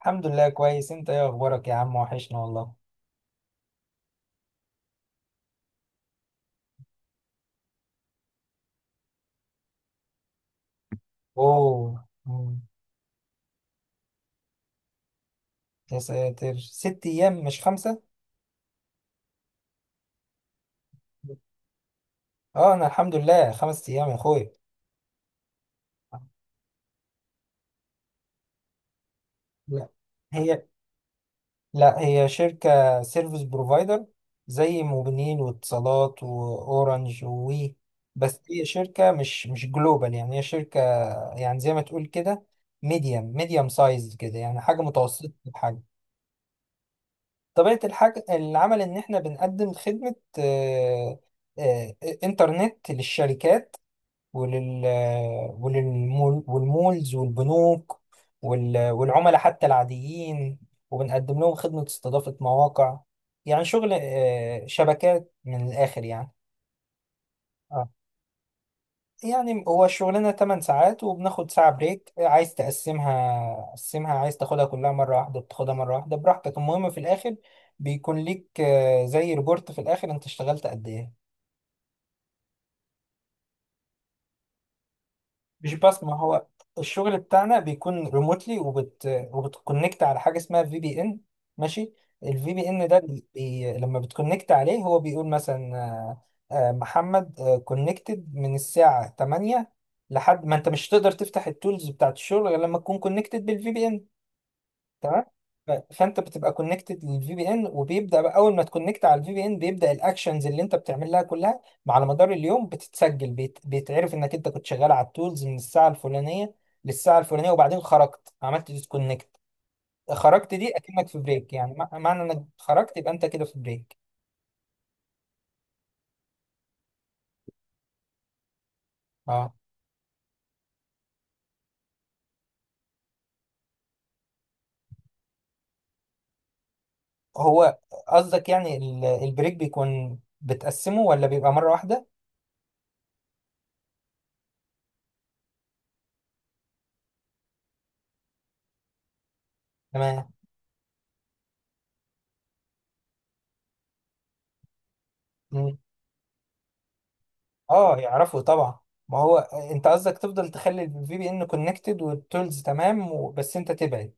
الحمد لله كويس. انت ايه اخبارك يا عم؟ وحشنا والله. اوه، يا ساتر، ست ايام مش خمسة؟ اه انا الحمد لله خمس ايام يا اخويا. لا هي لا، هي شركة سيرفيس بروفايدر، زي موبينيل واتصالات واورنج ووي. بس هي شركة مش جلوبال، يعني هي شركة، يعني زي ما تقول كده، ميديم سايز كده، يعني حاجة متوسطة الحجم. طبيعة الحاجة العمل إن إحنا بنقدم خدمة آه، إنترنت للشركات ولل وللمول والمولز والبنوك والعملاء حتى العاديين، وبنقدم لهم خدمة استضافة مواقع، يعني شغل شبكات، من الآخر يعني. يعني هو الشغلانة 8 ساعات وبناخد ساعة بريك، عايز تقسمها، عايز تاخدها كلها مرة واحدة بتاخدها مرة واحدة براحتك، المهم في الآخر بيكون ليك زي ريبورت في الآخر أنت اشتغلت قد إيه. مش بس، ما هو الشغل بتاعنا بيكون ريموتلي، وبتكونكت على حاجه اسمها في بي ان. ماشي. الفي بي ان ده لما بتكونكت عليه هو بيقول مثلا محمد كونكتد من الساعه 8، لحد ما، انت مش هتقدر تفتح التولز بتاعت الشغل غير لما تكون كونكتد بالفي بي ان. تمام. فانت بتبقى كونكتد للفي بي ان، وبيبدا بقى اول ما تكونكت على الفي بي ان بيبدا الاكشنز اللي انت بتعملها كلها على مدار اليوم بتتسجل، بيتعرف انك انت كنت شغال على التولز من الساعه الفلانيه للساعه الفلانيه، وبعدين خرجت عملت ديسكونكت، خرجت، دي اكنك في بريك، يعني معنى انك خرجت يبقى انت كده في بريك. اه، هو قصدك يعني البريك بيكون بتقسمه ولا بيبقى مره واحده؟ تمام. اه، يعرفوا طبعا، ما هو، انت قصدك تفضل تخلي الفي بي ان كونكتد والتولز تمام، بس انت تبعد.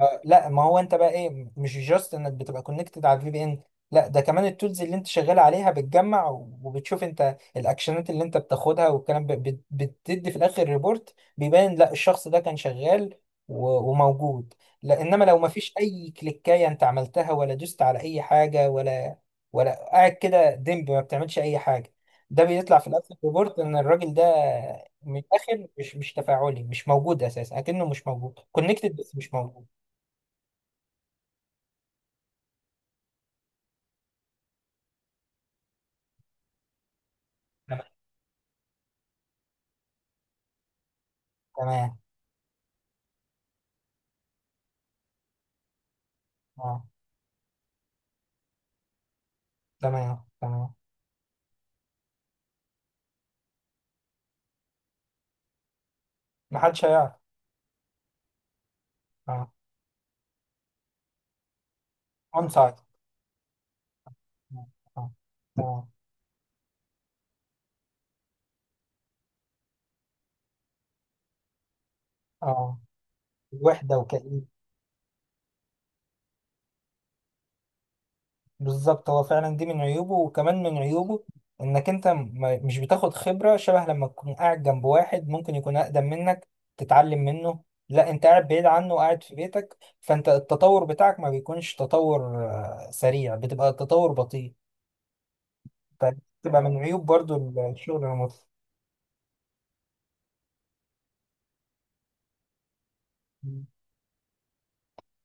لا، ما هو انت بقى ايه، مش جاست انك بتبقى كونكتد على الفي بي ان، لا ده كمان التولز اللي انت شغال عليها بتجمع، وبتشوف انت الاكشنات اللي انت بتاخدها والكلام، بتدي في الاخر ريبورت بيبان، لا الشخص ده كان شغال وموجود، لا انما لو ما فيش اي كليكايه انت عملتها ولا دوست على اي حاجه ولا، ولا قاعد كده دمب ما بتعملش اي حاجه، ده بيطلع في الاخر ريبورت ان الراجل ده من الاخر مش تفاعلي، مش موجود اساسا، اكنه مش موجود، كونكتد بس مش موجود. تمام. اه، تمام تمام. محدش هيعرف. اه، اون سايد. اه. اه. آه. وحدة وكئيب. بالظبط، هو فعلا دي من عيوبه. وكمان من عيوبه انك انت مش بتاخد خبرة، شبه لما تكون قاعد جنب واحد ممكن يكون اقدم منك تتعلم منه، لا انت قاعد بعيد عنه وقاعد في بيتك، فانت التطور بتاعك ما بيكونش تطور سريع، بتبقى التطور بطيء، فتبقى من عيوب برضو الشغل الريموت.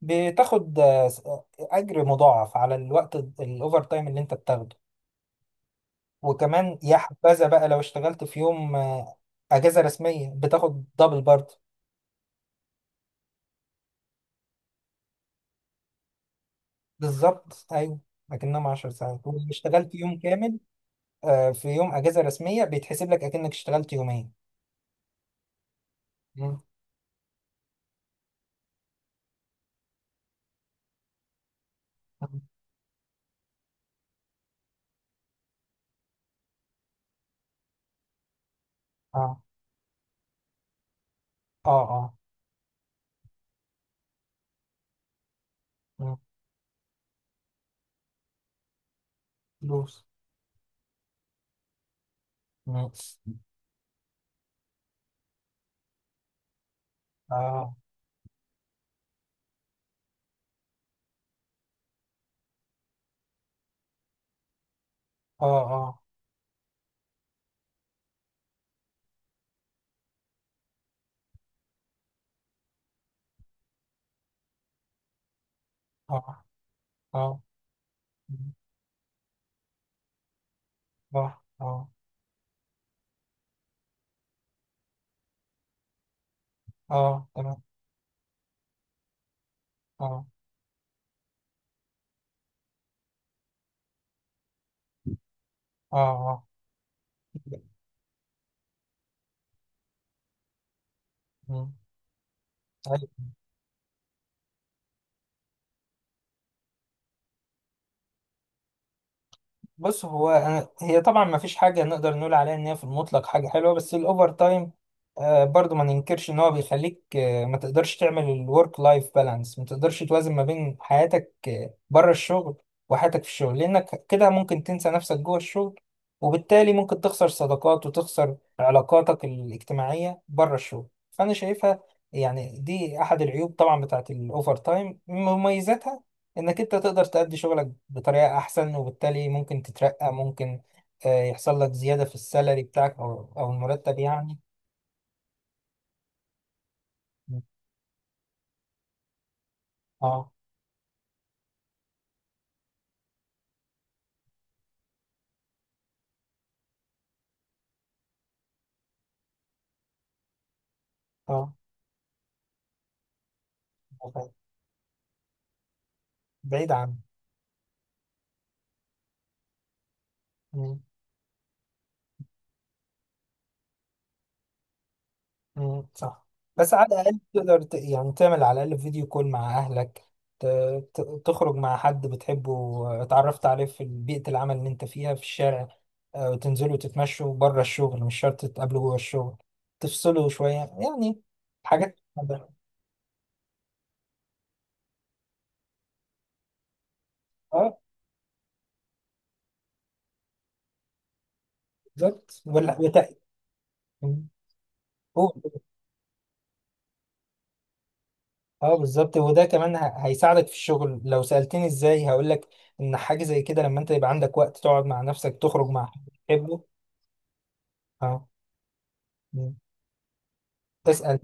بتاخد اجر مضاعف على الوقت الاوفر تايم اللي انت بتاخده. وكمان يا حبذا بقى لو اشتغلت في يوم اجازه رسميه بتاخد دبل برضه. بالظبط ايوه، اكنهم 10 ساعات. ولو اشتغلت يوم كامل في يوم اجازه رسميه بيتحسب لك اكنك اشتغلت يومين. مم. اه اه. اه. مم. فلوس. مم. اه اه. اه. اه. اه. مم. اه اه. اه. تمام. اه اه. اه. مم. بص، هو أنا، هي طبعا ما فيش حاجة نقدر نقول عليها إن هي في المطلق حاجة حلوة، بس الأوفر تايم آه برضو ما ننكرش إن هو بيخليك آه ما تقدرش تعمل الورك لايف بالانس، ما تقدرش توازن ما بين حياتك آه بره الشغل وحياتك في الشغل، لأنك كده ممكن تنسى نفسك جوه الشغل، وبالتالي ممكن تخسر صداقات وتخسر علاقاتك الاجتماعية بره الشغل. فأنا شايفها يعني دي أحد العيوب طبعا بتاعت الأوفر تايم. مميزاتها انك انت تقدر تأدي شغلك بطريقة احسن، وبالتالي ممكن تترقى، ممكن يحصل لك زيادة في السالري بتاعك او او المرتب يعني. اه اه. بعيد عن. مم، مم، صح. بس على الاقل تقدر يعني تعمل على الاقل فيديو كول مع اهلك، ت- تخرج مع حد بتحبه اتعرفت عليه في بيئة العمل اللي انت فيها، في الشارع وتنزلوا تتمشوا بره الشغل، مش شرط تقابله جوه الشغل، تفصلوا شوية، يعني حاجات. اه بالظبط. ولا قول. اه بالظبط، وده كمان هيساعدك في الشغل. لو سألتني ازاي هقول لك ان حاجة زي كده لما انت يبقى عندك وقت تقعد مع نفسك، تخرج مع حد بتحبه. اه. م. تسأل.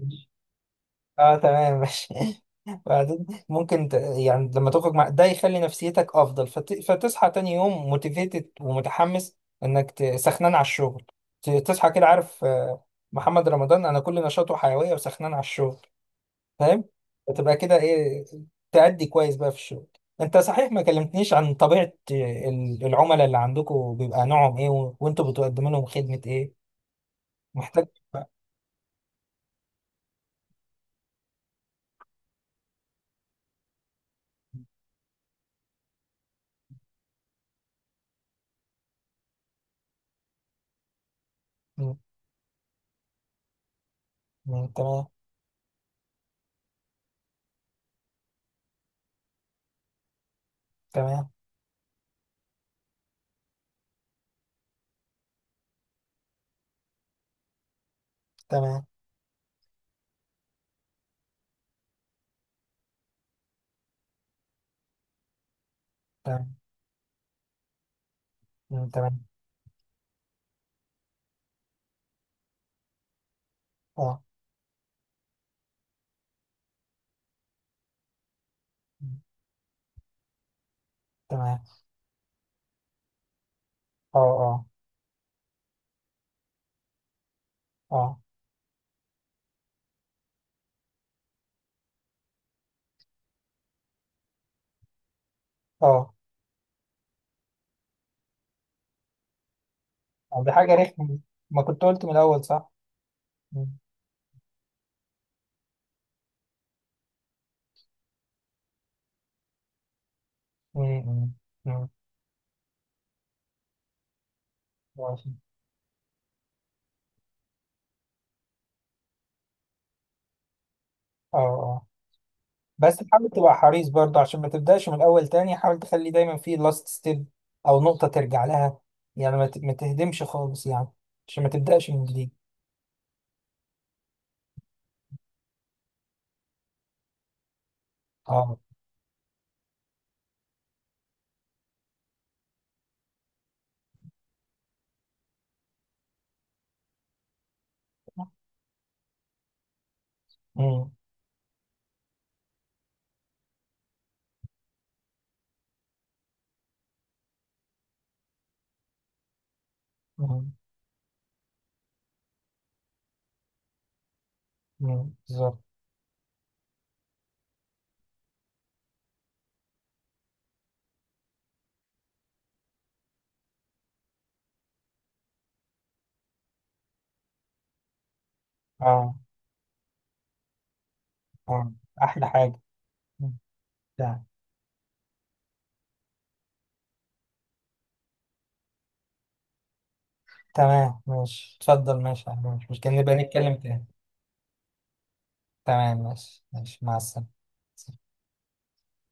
اه تمام ماشي. بعدين ممكن يعني لما تخرج مع ده يخلي نفسيتك افضل، فتصحى تاني يوم موتيفيتد ومتحمس، انك سخنان على الشغل، تصحى كده عارف، محمد رمضان، انا كل نشاطه حيوية وسخنان على الشغل، فاهم. فتبقى كده ايه، تأدي كويس بقى في الشغل. انت صحيح ما كلمتنيش عن طبيعة العملاء اللي عندكم، بيبقى نوعهم ايه وانتوا بتقدموا لهم خدمة ايه؟ محتاج. م- تمام. تمام. تمام. تمام. م- تمام. اه. م- تمام. اه اه. اه. اه. دي حاجة رخمة، ما كنت قلت من الأول صح. م- م- م- م. ماشي. اه اه، بس حاول تبقى حريص برضه عشان ما تبداش من الاول تاني، حاول تخلي دايما في لاست ستيب او نقطه ترجع لها، يعني ما تهدمش خالص يعني، عشان ما تبداش من جديد. اه. امم. امم. أمم، بالظبط. اه اه. احلى حاجه. أمم. تمام. تمام، ماشي، اتفضل، ماشي ماشي، مش كان نبقى نتكلم تاني. تمام، ماشي ماشي، مع السلامه.